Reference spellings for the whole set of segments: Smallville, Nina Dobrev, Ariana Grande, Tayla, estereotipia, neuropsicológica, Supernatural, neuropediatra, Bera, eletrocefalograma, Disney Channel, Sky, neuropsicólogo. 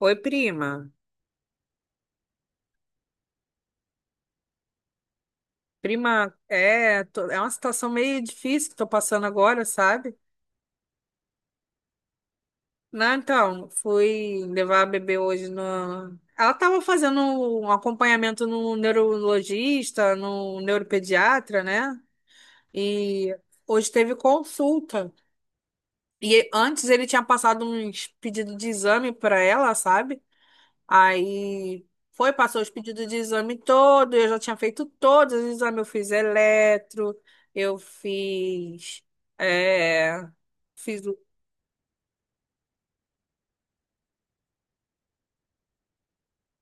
Oi, prima. Prima, é uma situação meio difícil que tô passando agora, sabe? Não, então, fui levar a bebê hoje no. Ela estava fazendo um acompanhamento no neurologista, no neuropediatra, né? E hoje teve consulta. E antes ele tinha passado uns pedidos de exame para ela, sabe? Aí foi, passou os pedidos de exame todo, eu já tinha feito todos os exames, eu fiz eletro, eu fiz, é, fiz, o-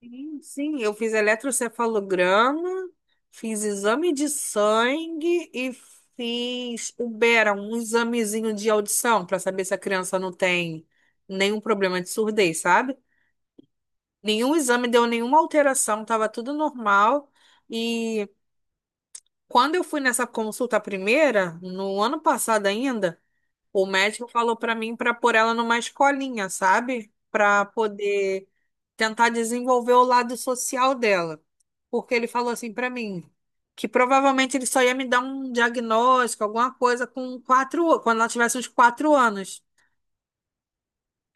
sim, sim, eu fiz eletrocefalograma, fiz exame de sangue e fiz o Bera, um examezinho de audição para saber se a criança não tem nenhum problema de surdez, sabe? Nenhum exame deu nenhuma alteração, tava tudo normal. E Quando eu fui nessa consulta primeira, no ano passado ainda, o médico falou pra mim pra pôr ela numa escolinha, sabe? Pra poder tentar desenvolver o lado social dela. Porque ele falou assim pra mim que provavelmente ele só ia me dar um diagnóstico, alguma coisa com quatro, quando ela tivesse uns quatro anos.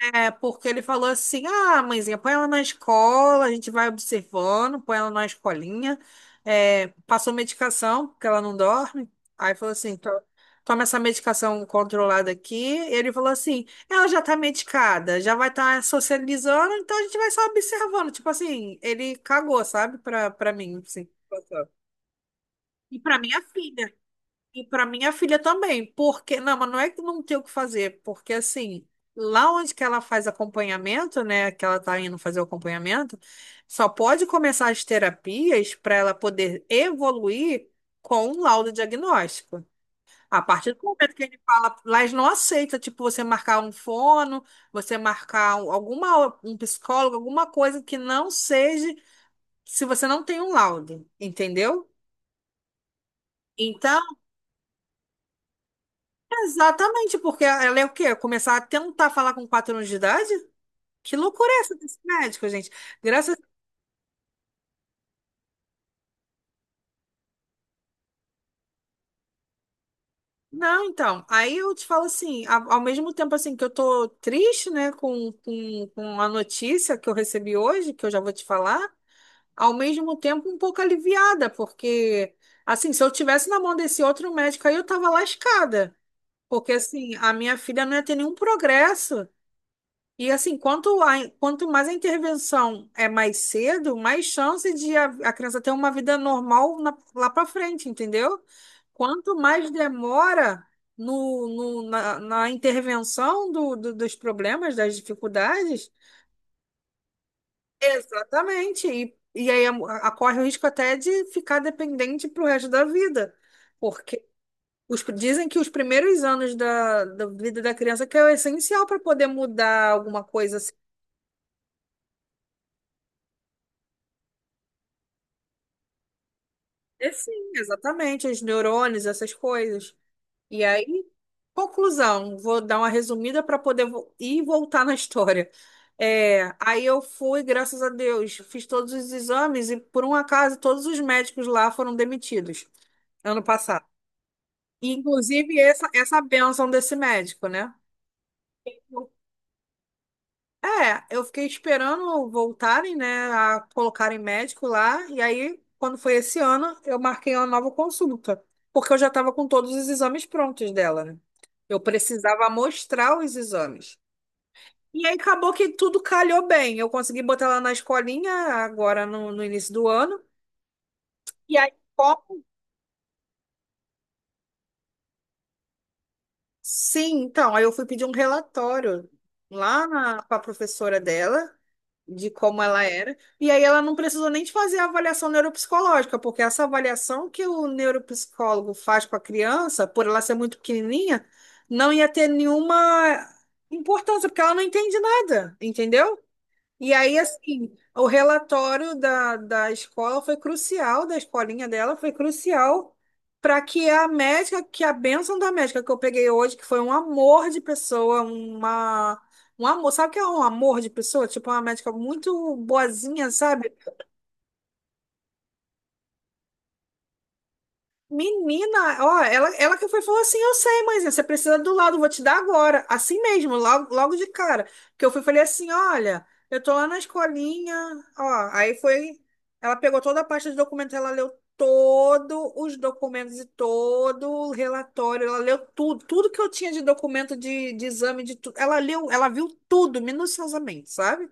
É, porque ele falou assim: ah, mãezinha, põe ela na escola, a gente vai observando, põe ela na escolinha. É, passou medicação, porque ela não dorme. Aí falou assim: toma essa medicação controlada aqui. Ele falou assim: ela já tá medicada, já vai estar tá socializando, então a gente vai só observando. Tipo assim, ele cagou, sabe? Pra mim, assim. E pra minha filha. E para minha filha também, porque não, mas não é que não tem o que fazer, porque assim, lá onde que ela faz acompanhamento, né, que ela tá indo fazer o acompanhamento, só pode começar as terapias para ela poder evoluir com um laudo diagnóstico. A partir do momento que ele fala, lá eles não aceita, tipo, você marcar um fono, você marcar um- alguma um psicólogo, alguma coisa que não seja se você não tem um laudo, entendeu? Então, exatamente, porque ela é o quê? Começar a tentar falar com quatro anos de idade? Que loucura é essa desse médico, gente? Graças. Não, então. Aí eu te falo assim, ao mesmo tempo assim que eu tô triste, né, com a notícia que eu recebi hoje, que eu já vou te falar, ao mesmo tempo um pouco aliviada, porque assim, se eu tivesse na mão desse outro médico aí, eu tava lascada. Porque assim, a minha filha não ia ter nenhum progresso. E assim, quanto mais a intervenção é mais cedo, mais chance de a criança ter uma vida normal lá para frente, entendeu? Quanto mais demora na intervenção dos problemas, das dificuldades, exatamente. E aí corre o risco até de ficar dependente para o resto da vida, porque dizem que os primeiros anos da vida da criança que é o essencial para poder mudar alguma coisa. É sim, exatamente, os neurônios, essas coisas. E aí, conclusão, vou dar uma resumida para poder ir e voltar na história. É, aí eu fui, graças a Deus, fiz todos os exames e, por um acaso, todos os médicos lá foram demitidos ano passado. Inclusive, essa bênção desse médico, né? É, eu fiquei esperando voltarem, né, a colocarem médico lá, e aí, quando foi esse ano, eu marquei uma nova consulta, porque eu já estava com todos os exames prontos dela, né? Eu precisava mostrar os exames. E aí acabou que tudo calhou bem. Eu consegui botar ela na escolinha agora no início do ano. E aí, como? Sim, então, aí eu fui pedir um relatório lá para a professora dela, de como ela era. E aí ela não precisou nem de fazer a avaliação neuropsicológica, porque essa avaliação que o neuropsicólogo faz com a criança, por ela ser muito pequenininha, não ia ter nenhuma importância, porque ela não entende nada, entendeu? E aí, assim, o relatório da escola foi crucial, da escolinha dela foi crucial para que a médica, que a bênção da médica que eu peguei hoje, que foi um amor de pessoa, uma, um amor, sabe o que é um amor de pessoa? Tipo, uma médica muito boazinha, sabe? Menina, ó, ela que foi e falou assim, eu sei, mãezinha, você precisa do laudo, vou te dar agora, assim mesmo, logo, logo de cara, que eu fui falei assim, olha, eu tô lá na escolinha, ó, aí foi, ela pegou toda a pasta de documentos, ela leu todos os documentos e todo o relatório, ela leu tudo, tudo que eu tinha de documento de exame, de tudo, ela leu, ela viu tudo, minuciosamente, sabe?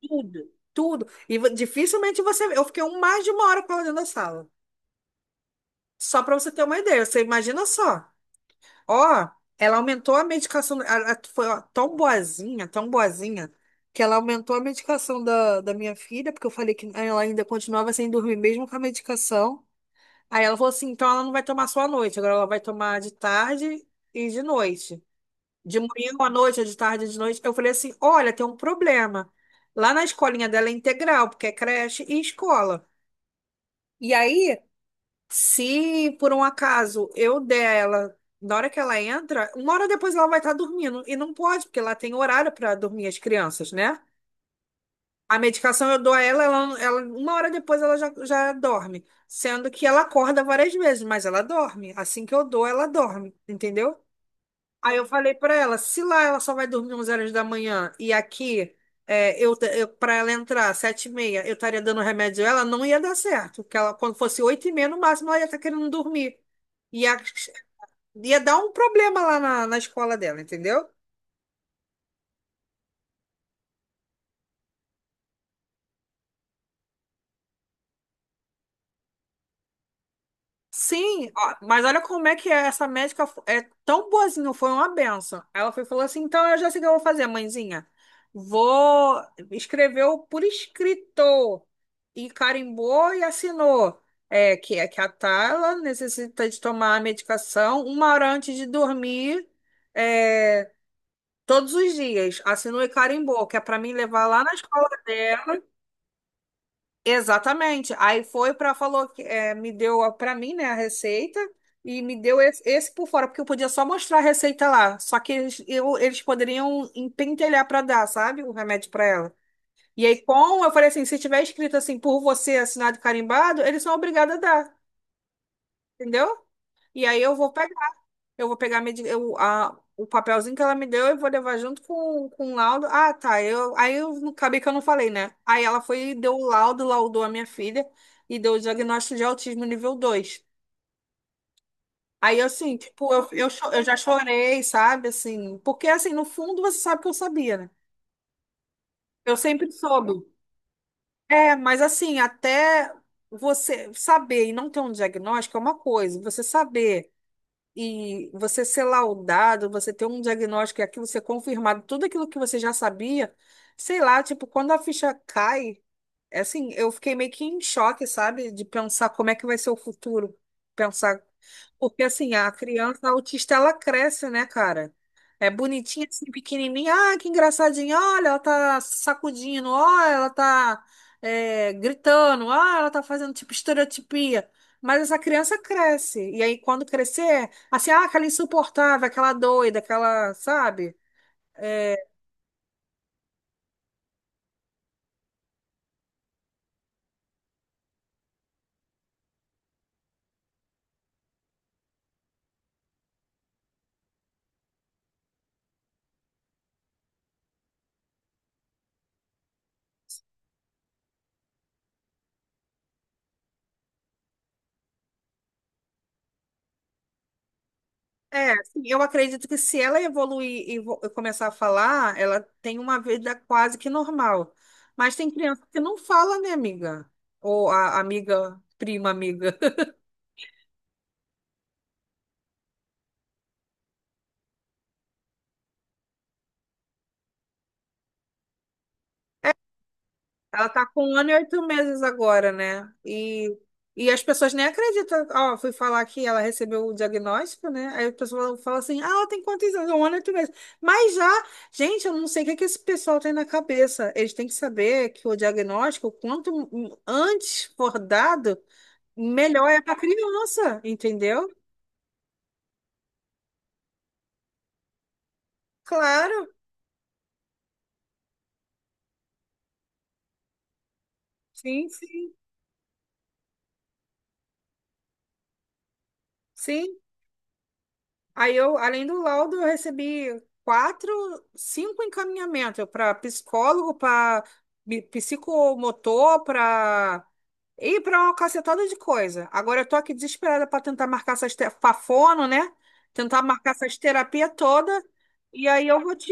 Tudo, tudo, e dificilmente você, eu fiquei mais de uma hora com ela dentro da sala. Só para você ter uma ideia, você imagina só. Ó, ela aumentou a medicação. Ela foi ó, tão boazinha, que ela aumentou a medicação da minha filha, porque eu falei que ela ainda continuava sem dormir mesmo com a medicação. Aí ela falou assim: então ela não vai tomar só à noite, agora ela vai tomar de tarde e de noite. De manhã à noite, ou de tarde e de noite. Eu falei assim: olha, tem um problema. Lá na escolinha dela é integral, porque é creche e escola. E aí. Se por um acaso eu der ela na hora que ela entra, uma hora depois ela vai estar dormindo. E não pode, porque ela tem horário para dormir as crianças, né? A medicação eu dou a ela, uma hora depois ela já dorme. Sendo que ela acorda várias vezes, mas ela dorme. Assim que eu dou, ela dorme, entendeu? Aí eu falei pra ela, se lá ela só vai dormir 11 horas da manhã e aqui é, eu para ela entrar sete e meia, eu estaria dando remédio a ela, não ia dar certo, porque ela quando fosse oito e meia no máximo ela ia estar querendo dormir. Ia, ia dar um problema lá na escola dela, entendeu? Sim, ó, mas olha como é que é, essa médica é tão boazinha, foi uma benção. Ela foi, e falou assim: então eu já sei o que eu vou fazer, mãezinha. Vou. Escreveu por escrito e carimbou e assinou. É que a Tayla necessita de tomar a medicação uma hora antes de dormir, é, todos os dias. Assinou e carimbou, que é para mim levar lá na escola dela. Exatamente. Aí foi para falou que é, me deu para mim, né, a receita e me deu esse, esse por fora, porque eu podia só mostrar a receita lá, só que eles poderiam empentelhar para dar, sabe, o remédio para ela. E aí com, eu falei assim, se tiver escrito assim por você, assinado e carimbado, eles são obrigados a dar, entendeu? E aí eu vou pegar a o papelzinho que ela me deu e vou levar junto com o laudo. Ah, tá. Eu, aí eu não- acabei que eu não falei, né? Aí ela foi e deu o laudo, laudou a minha filha e deu o diagnóstico de autismo nível 2. Aí, assim, tipo, eu já chorei, sabe? Assim, porque, assim, no fundo você sabe que eu sabia, né? Eu sempre soube. É, mas, assim, até você saber e não ter um diagnóstico é uma coisa. Você saber. E você ser laudado, você ter um diagnóstico e aquilo ser confirmado, tudo aquilo que você já sabia, sei lá, tipo, quando a ficha cai é assim, eu fiquei meio que em choque, sabe? De pensar como é que vai ser o futuro. Pensar. Porque, assim, a criança autista, ela cresce, né, cara? É bonitinha, assim, pequenininha. Ah, que engraçadinha. Olha, ela tá sacudindo. Olha, ela tá é, gritando. Olha, ela tá fazendo, tipo, estereotipia. Mas essa criança cresce. E aí, quando crescer, assim, ah, aquela insuportável, aquela doida, aquela, sabe? É, é, assim, eu acredito que se ela evoluir e começar a falar, ela tem uma vida quase que normal. Mas tem criança que não fala, né, amiga? Ou a amiga, prima amiga. Ela tá com um ano e oito meses agora, né? E as pessoas nem acreditam. Ó, fui falar que ela recebeu o diagnóstico, né? Aí as pessoas falam assim: ah, ela tem quantos anos? Um ano e oito meses. Mas já, gente, eu não sei o que é que esse pessoal tem na cabeça. Eles têm que saber que o diagnóstico, quanto antes for dado, melhor é para criança, entendeu? Claro, sim, sim, sim. Aí eu, além do laudo, eu recebi quatro, cinco encaminhamentos para psicólogo, para psicomotor, para e para uma cacetada de coisa. Agora eu tô aqui desesperada para tentar marcar essas te... pra fono, né? Tentar marcar essas terapias toda. E aí eu vou te.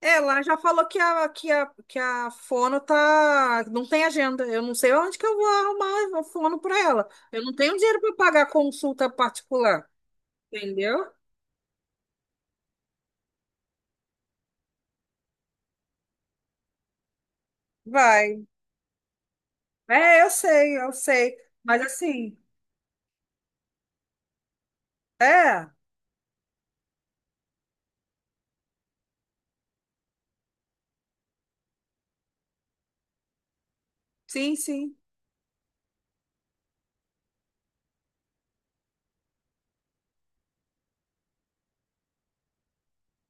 Ela já falou que que a fono tá, não tem agenda. Eu não sei onde que eu vou arrumar a fono para ela. Eu não tenho dinheiro para pagar consulta particular, entendeu? Vai. É, eu sei, eu sei. Mas assim, é, sim, sim.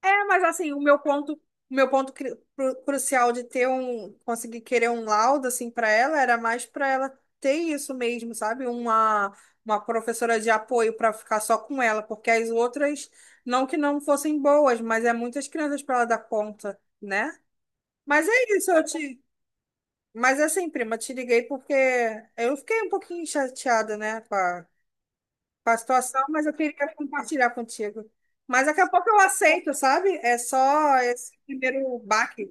É, mas assim, o meu ponto, o meu ponto crucial de ter um, conseguir querer um laudo assim para ela era mais para ela ter isso mesmo, sabe? Uma professora de apoio para ficar só com ela, porque as outras não que não fossem boas, mas é muitas crianças para ela dar conta, né? Mas é isso, eu te, mas assim, prima, te liguei porque eu fiquei um pouquinho chateada, né, com a situação, mas eu queria compartilhar contigo. Mas daqui a pouco eu aceito, sabe? É só esse primeiro baque.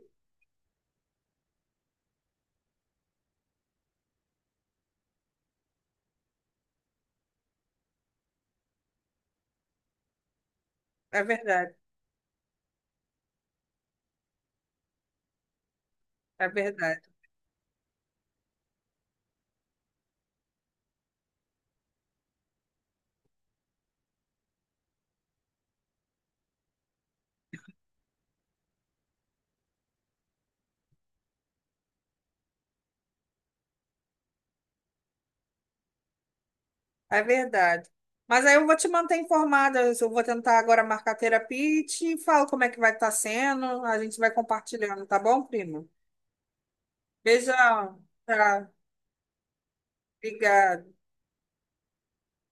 É verdade, é verdade, é verdade. Mas aí eu vou te manter informada. Eu vou tentar agora marcar terapia e te falo como é que vai estar sendo. A gente vai compartilhando, tá bom, primo? Beijão. Tá. Obrigada.